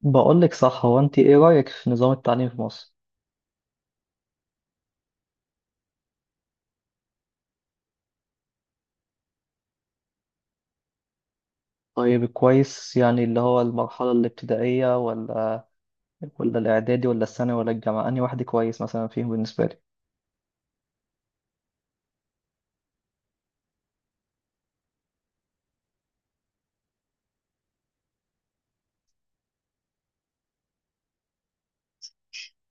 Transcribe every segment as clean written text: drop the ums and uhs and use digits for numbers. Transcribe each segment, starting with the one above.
بقولك صح، هو انت ايه رأيك في نظام التعليم في مصر؟ طيب كويس يعني اللي هو المرحلة الابتدائية ولا الإعدادي ولا الثانوي ولا الجامعة، أنهي واحد كويس مثلا فيهم بالنسبة لي؟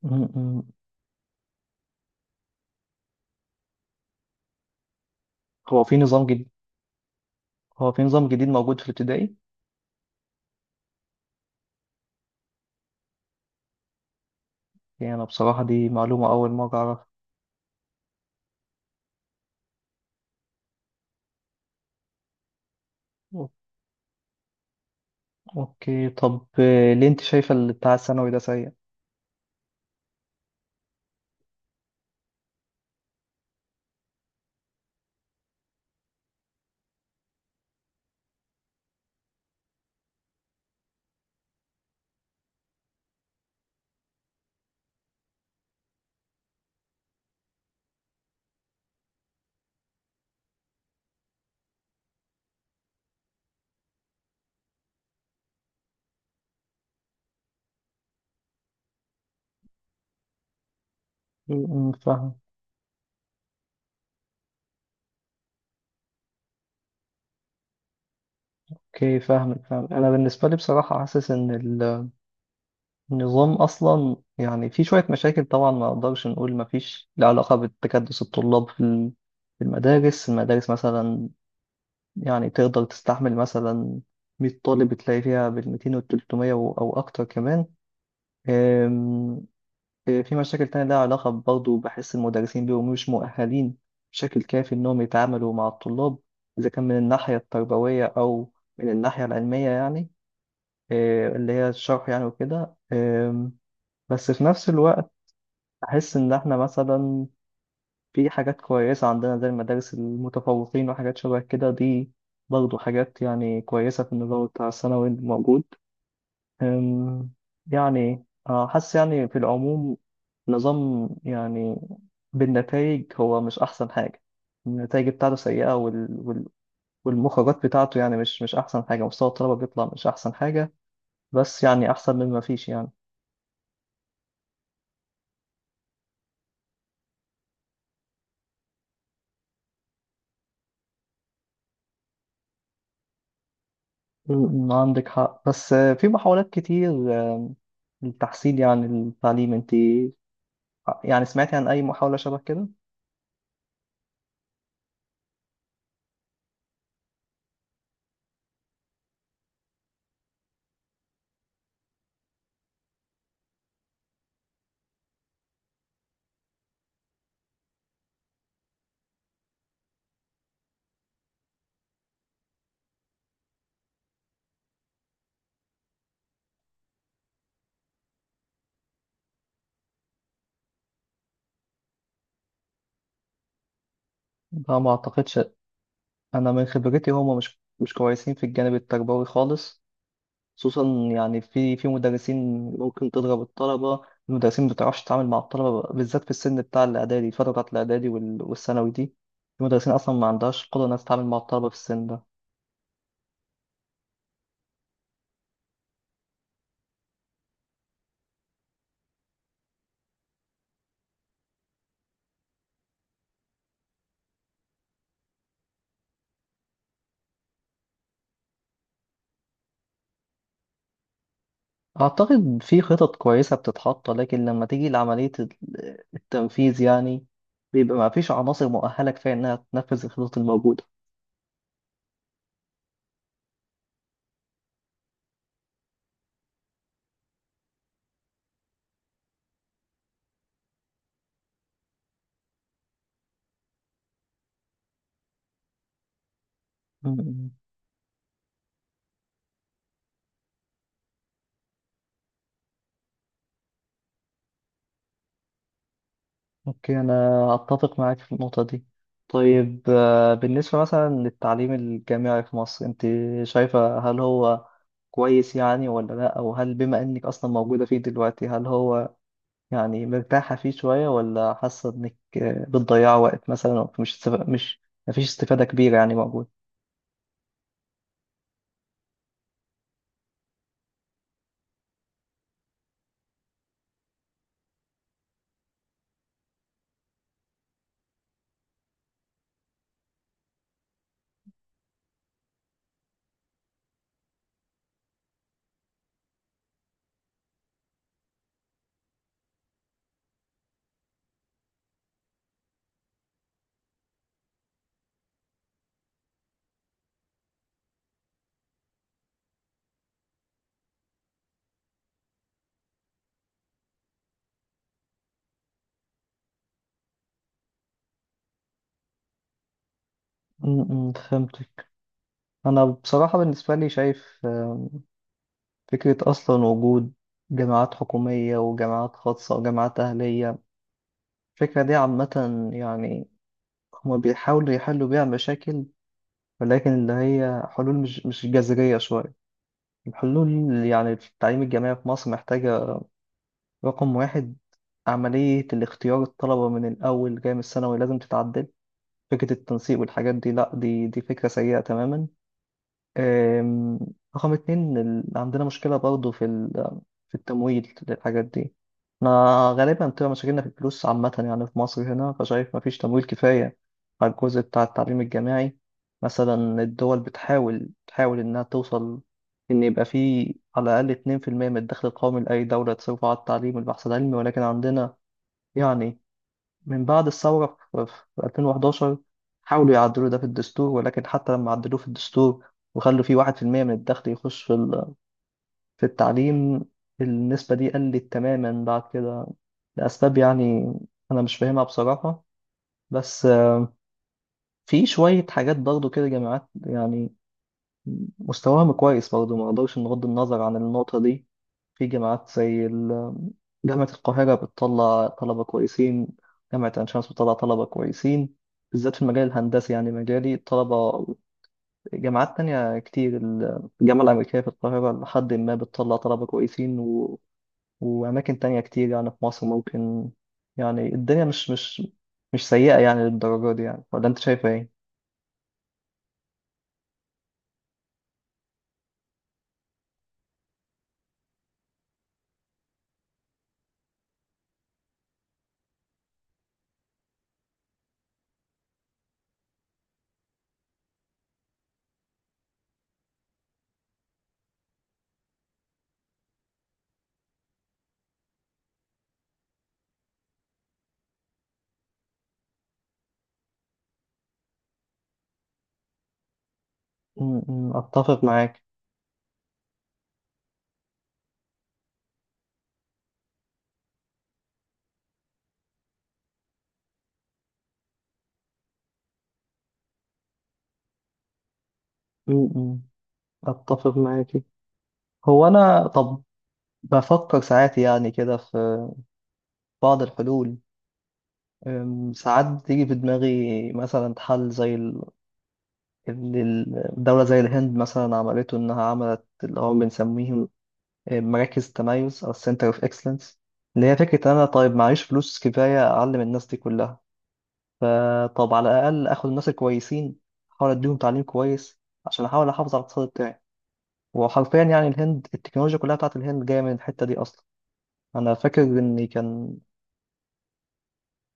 م- م. هو في نظام جديد. هو في نظام جديد موجود في الابتدائي؟ يعني أنا بصراحة دي معلومة أول مرة أعرفها. أو- أوكي، طب ليه أنت شايفة اللي بتاع الثانوي ده سيء؟ م- م، فاهم. أوكي، فاهمك، فاهم. أنا بالنسبة لي بصراحة حاسس إن نظام اصلا يعني في شويه مشاكل طبعا، ما اقدرش نقول ما فيش له علاقه بتكدس الطلاب في في المدارس، مثلا. يعني تقدر تستحمل مثلا 100 طالب، تلاقي فيها بال 200 وال 300 او اكتر كمان. أم، في مشاكل تانية لها علاقه برضه، بحس المدرسين بيبقوا مش مؤهلين بشكل كافي انهم يتعاملوا مع الطلاب، اذا كان من الناحيه التربويه او من الناحيه العلميه يعني. اللي هي الشرح يعني وكده. بس في نفس الوقت أحس إن إحنا مثلا في حاجات كويسة عندنا زي المدارس المتفوقين وحاجات شبه كده، دي برضه حاجات يعني كويسة في النظام بتاع الثانوي الموجود. أم، يعني حاسس يعني في العموم نظام يعني بالنتائج هو مش أحسن حاجة. النتائج بتاعته سيئة، والمخرجات بتاعته يعني مش أحسن حاجة. مستوى الطلبة بيطلع مش أحسن حاجة، بس يعني أحسن من ما فيش يعني. م- م، عندك حق، بس في محاولات كتير التحصيل يعني التعليم، انت يعني سمعتي عن اي محاولة شبه كده؟ لا، ما اعتقدش. انا من خبرتي هما مش كويسين في الجانب التربوي خالص، خصوصا يعني في مدرسين ممكن تضرب الطلبة. المدرسين ما بتعرفش تتعامل مع الطلبة بالذات في السن بتاع الاعدادي، الفترة بتاعت الاعدادي والثانوي دي. في مدرسين اصلا ما عندهاش قدرة انها تتعامل مع الطلبة في السن ده. اعتقد في خطط كويسة بتتحط، لكن لما تيجي لعملية التنفيذ يعني بيبقى ما فيش عناصر مؤهلة كفاية انها تنفذ الخطط الموجودة. مم. اوكي، انا اتفق معاك في النقطة دي. طيب بالنسبة مثلا للتعليم الجامعي في مصر، انت شايفة هل هو كويس يعني ولا لا، او هل بما انك اصلا موجودة فيه دلوقتي هل هو يعني مرتاحة فيه شوية، ولا حاسة انك بتضيع وقت مثلا؟ مش مفيش استفادة كبيرة يعني موجود. امم، فهمتك. انا بصراحة بالنسبة لي شايف فكرة اصلا وجود جامعات حكومية وجامعات خاصة وجامعات أهلية، الفكرة دي عامة يعني هما بيحاولوا يحلوا بيها مشاكل، ولكن اللي هي حلول مش جذرية شوية. الحلول يعني في التعليم الجامعي في مصر محتاجة، رقم واحد، عملية الاختيار الطلبة من الأول جاي من الثانوي لازم تتعدل. فكرة التنسيق والحاجات دي لأ، دي فكرة سيئة تماما. أم، رقم اتنين، عندنا مشكلة برضه في في التمويل للحاجات دي. احنا غالبا بتبقى مشاكلنا في الفلوس عامة يعني في مصر هنا، فشايف مفيش تمويل كفاية على الجزء بتاع التعليم الجامعي. مثلا الدول تحاول إنها توصل إن يبقى فيه على الأقل 2% من الدخل القومي لأي دولة تصرفه على التعليم والبحث العلمي، ولكن عندنا يعني من بعد الثورة في 2011 حاولوا يعدلوا ده في الدستور، ولكن حتى لما عدلوه في الدستور وخلوا فيه 1% من الدخل يخش في في التعليم، النسبة دي قلت تماما بعد كده لأسباب يعني أنا مش فاهمها بصراحة. بس في شوية حاجات برضو كده جامعات يعني مستواهم كويس برضه، ما اقدرش نغض النظر عن النقطة دي. في جامعات زي جامعة القاهرة بتطلع طلبة كويسين، جامعة عين شمس بتطلع طلبة كويسين بالذات في المجال الهندسي يعني مجالي الطلبة. جامعات تانية كتير، الجامعة الأمريكية في القاهرة لحد ما بتطلع طلبة كويسين وأماكن تانية كتير يعني في مصر ممكن. يعني الدنيا مش مش سيئة يعني للدرجة دي يعني، ولا أنت شايفة إيه؟ م- م، أتفق معاك. م- م، أتفق معاك. هو أنا طب بفكر ساعات يعني كده في بعض الحلول. ساعات بتيجي في دماغي مثلا حل زي ال- اللي الدولة زي الهند مثلا عملته، إنها عملت اللي هو بنسميهم مراكز تميز أو Center of Excellence، اللي هي فكرة إن أنا طيب معيش فلوس كفاية أعلم الناس دي كلها، فطب على الأقل آخد الناس الكويسين أحاول أديهم تعليم كويس عشان أحاول أحافظ على الاقتصاد بتاعي. وحرفيا يعني الهند، التكنولوجيا كلها بتاعت الهند جاية من الحتة دي أصلا. أنا فاكر إني كان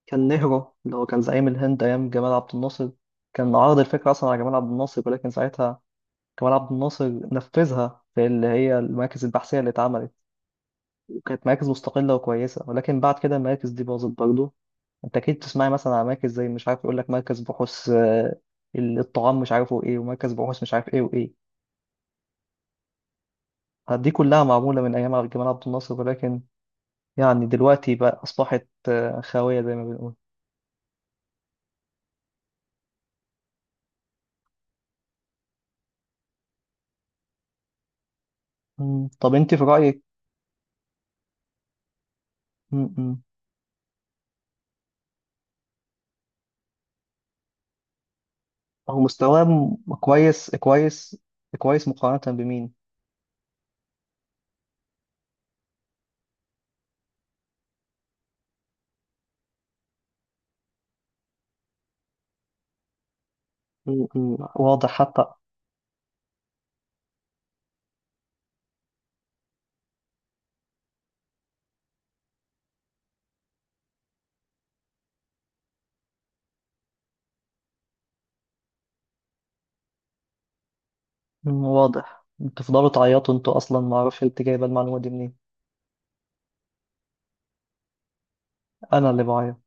كان نهرو اللي هو كان زعيم الهند أيام جمال عبد الناصر كان عرض الفكرة أصلا على جمال عبد الناصر، ولكن ساعتها جمال عبد الناصر نفذها في اللي هي المراكز البحثية اللي اتعملت، وكانت مراكز مستقلة وكويسة، ولكن بعد كده المراكز دي باظت برضه. أنت أكيد تسمعي مثلا على مراكز زي مش عارف يقول لك مركز بحوث الطعام مش عارفه إيه، ومركز بحوث مش عارف إيه وإيه. دي كلها معمولة من أيام جمال عبد الناصر، ولكن يعني دلوقتي بقى أصبحت خاوية زي ما بنقول. مم. طب أنت في رأيك؟ مم. هو مستواه كويس كويس مقارنة بمين؟ واضح حتى. واضح بتفضلوا تعيطوا انتوا اصلا، ما اعرفش انت جايبه المعلومه دي منين. انا اللي بعيط؟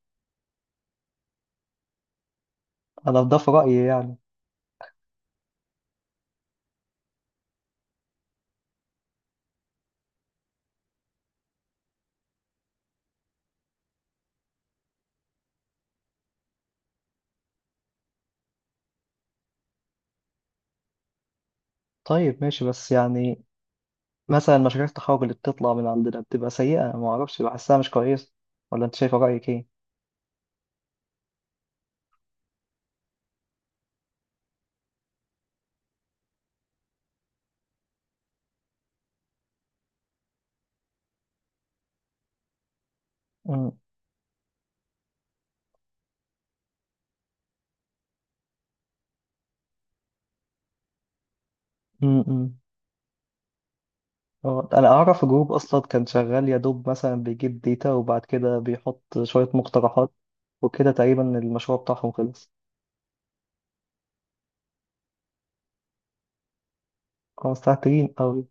انا ده في رايي يعني. طيب ماشي، بس يعني مثلا مشاريع التخرج اللي بتطلع من عندنا بتبقى سيئه ما اعرفش، بحسها مش كويسه، ولا انت شايفه رايك ايه؟ م- م- م. اه، انا اعرف جروب اصلا كان شغال يا دوب، مثلا بيجيب ديتا وبعد كده بيحط شويه مقترحات وكده تقريبا المشروع بتاعهم خلص. اه، الساعة 3 أوي.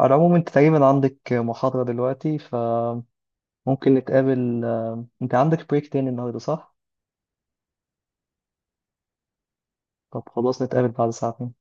على العموم أنت تقريبا عندك محاضرة دلوقتي، فممكن نتقابل. أنت عندك بريك تاني النهاردة صح؟ طب خلاص، نتقابل بعد ساعتين.